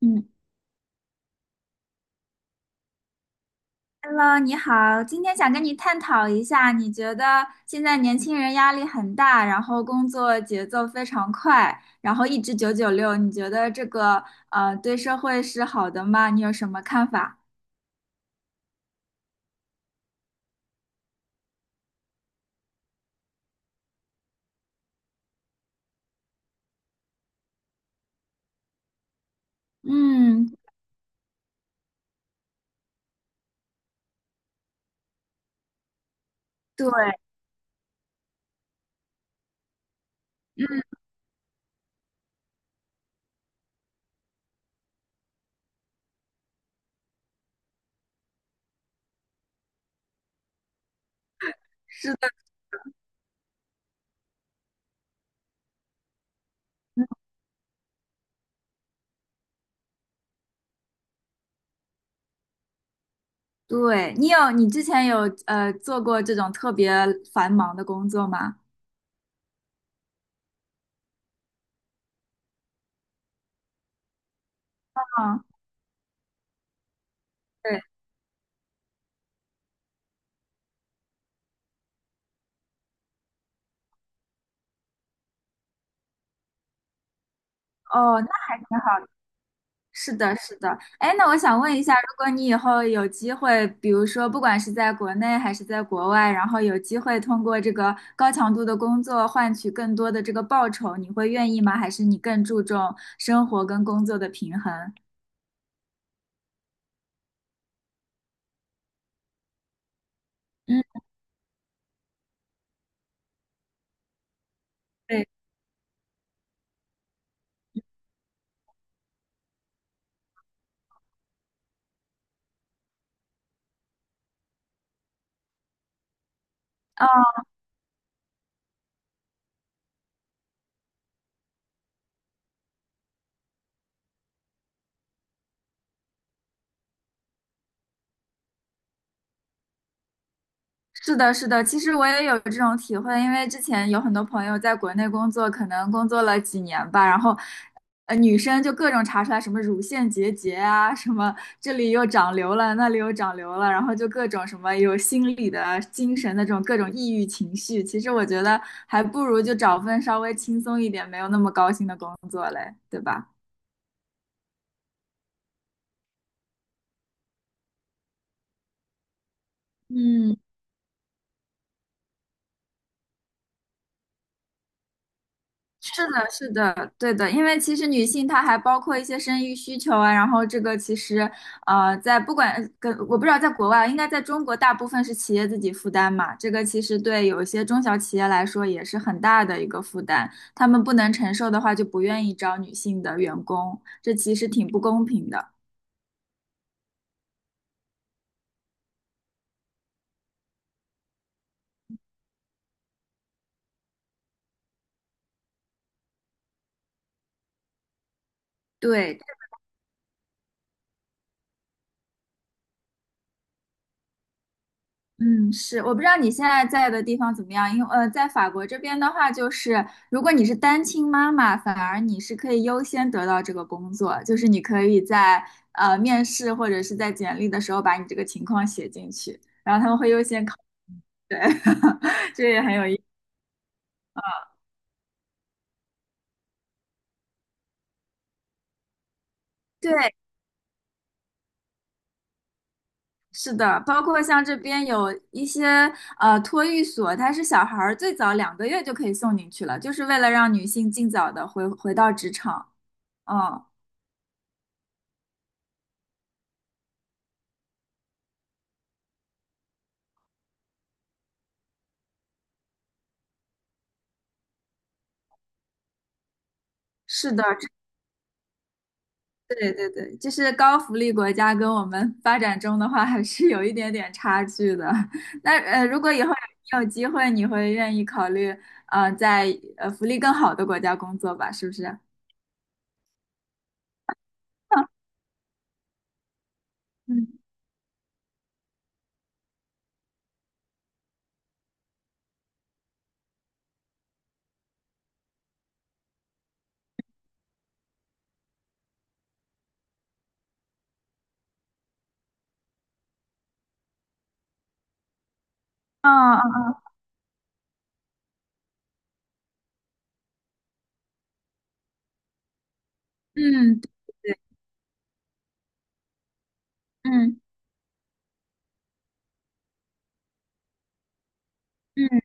嗯。 Hello，你好，今天想跟你探讨一下，你觉得现在年轻人压力很大，然后工作节奏非常快，然后一直九九六，你觉得这个对社会是好的吗？你有什么看法？嗯，对，是的，对，你之前有做过这种特别繁忙的工作吗？嗯，对，哦，那还。是的，是的。哎，那我想问一下，如果你以后有机会，比如说不管是在国内还是在国外，然后有机会通过这个高强度的工作换取更多的这个报酬，你会愿意吗？还是你更注重生活跟工作的平衡？嗯，对，哦，是的，是的，其实我也有这种体会，因为之前有很多朋友在国内工作，可能工作了几年吧，然后，女生就各种查出来什么乳腺结节啊，什么这里又长瘤了，那里又长瘤了，然后就各种什么有心理的、精神的这种各种抑郁情绪。其实我觉得还不如就找份稍微轻松一点、没有那么高薪的工作嘞，对吧？嗯，是的，是的，对的，因为其实女性她还包括一些生育需求啊，然后这个其实，在不管跟我不知道在国外，应该在中国大部分是企业自己负担嘛，这个其实对有一些中小企业来说也是很大的一个负担，他们不能承受的话就不愿意招女性的员工，这其实挺不公平的。对，嗯，是，我不知道你现在在的地方怎么样，因为在法国这边的话，就是如果你是单亲妈妈，反而你是可以优先得到这个工作，就是你可以在面试或者是在简历的时候把你这个情况写进去，然后他们会优先考，对，这也很有意思。对，是的，包括像这边有一些托育所，它是小孩儿最早2个月就可以送进去了，就是为了让女性尽早的回到职场。嗯，是的，对对对，就是高福利国家跟我们发展中的话，还是有一点点差距的。那如果以后你有机会，你会愿意考虑在福利更好的国家工作吧？是不是？嗯，嗯嗯嗯嗯，对对对，嗯嗯，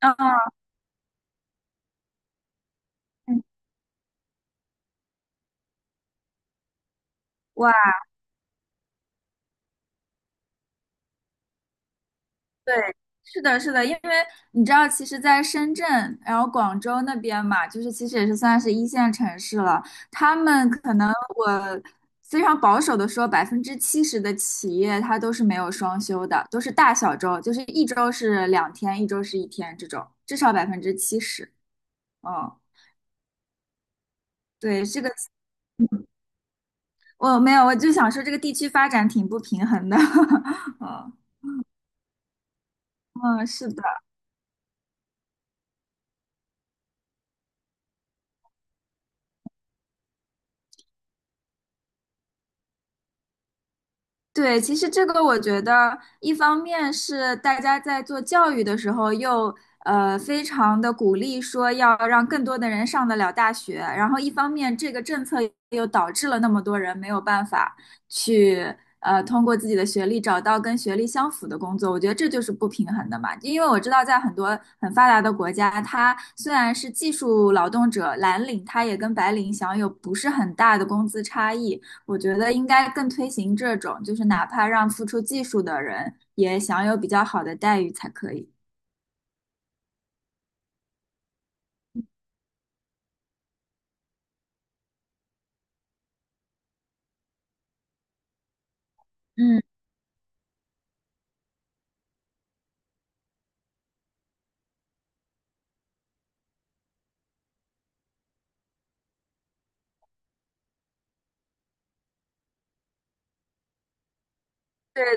嗯嗯，嗯。对，是的，是的，因为你知道，其实，在深圳，然后广州那边嘛，就是其实也是算是一线城市了。他们可能我非常保守的说，百分之七十的企业它都是没有双休的，都是大小周，就是一周是2天，一周是一天这种，至少百分之七十。嗯，对，这个我没有，我就想说这个地区发展挺不平衡的。嗯嗯，是的。对，其实这个我觉得，一方面是大家在做教育的时候又，非常的鼓励说要让更多的人上得了大学，然后一方面这个政策又导致了那么多人没有办法去通过自己的学历找到跟学历相符的工作，我觉得这就是不平衡的嘛。因为我知道在很多很发达的国家，它虽然是技术劳动者蓝领，它也跟白领享有不是很大的工资差异。我觉得应该更推行这种，就是哪怕让付出技术的人也享有比较好的待遇才可以。嗯，对，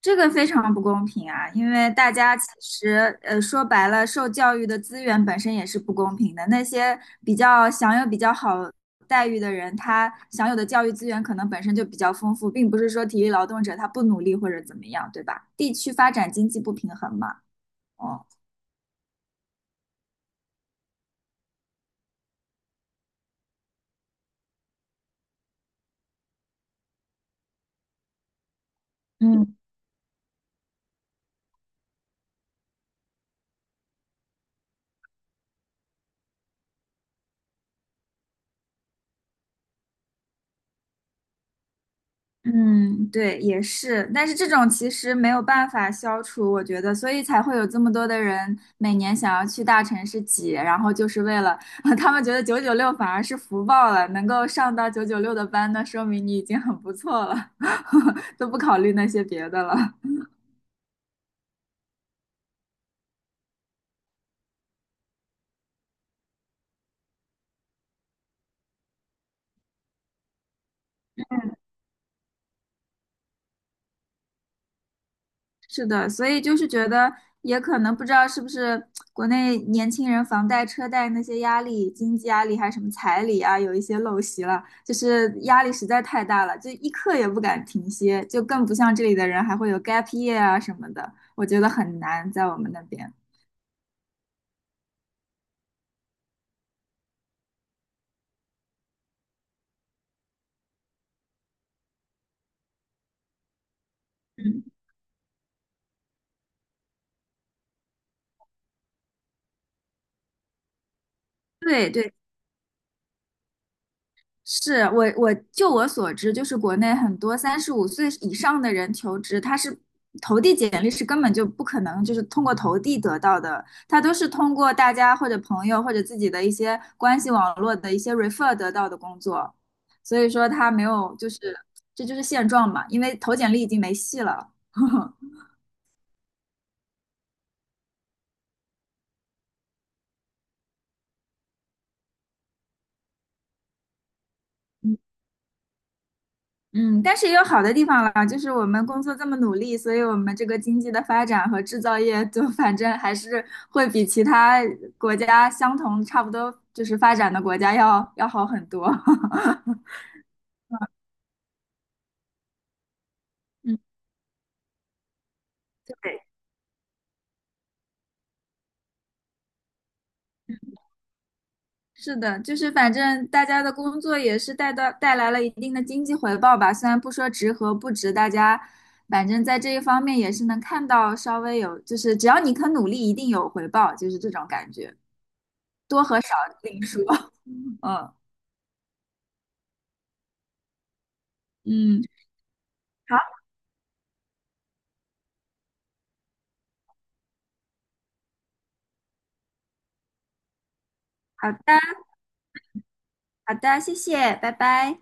这个非常不公平啊，因为大家其实，说白了，受教育的资源本身也是不公平的。那些比较享有比较好待遇的人，他享有的教育资源可能本身就比较丰富，并不是说体力劳动者他不努力或者怎么样，对吧？地区发展经济不平衡嘛，哦，嗯。嗯，对，也是，但是这种其实没有办法消除，我觉得，所以才会有这么多的人每年想要去大城市挤，然后就是为了，他们觉得996反而是福报了，能够上到九九六的班，那说明你已经很不错了，都不考虑那些别的了。是的，所以就是觉得，也可能不知道是不是国内年轻人房贷、车贷那些压力、经济压力还是什么彩礼啊，有一些陋习了，就是压力实在太大了，就一刻也不敢停歇，就更不像这里的人还会有 gap year 啊什么的，我觉得很难在我们那边。嗯，对对，是我就我所知，就是国内很多35岁以上的人求职，他是投递简历是根本就不可能，就是通过投递得到的，他都是通过大家或者朋友或者自己的一些关系网络的一些 refer 得到的工作，所以说他没有，就是这就是现状嘛，因为投简历已经没戏了。嗯，但是也有好的地方了，就是我们工作这么努力，所以我们这个经济的发展和制造业就 反正还是会比其他国家相同差不多就是发展的国家要好很多。嗯，对，是的，就是反正大家的工作也是带来了一定的经济回报吧，虽然不说值和不值，大家反正在这一方面也是能看到稍微有，就是只要你肯努力，一定有回报，就是这种感觉，多和少另说。嗯。嗯，好好的，好的，谢谢，拜拜。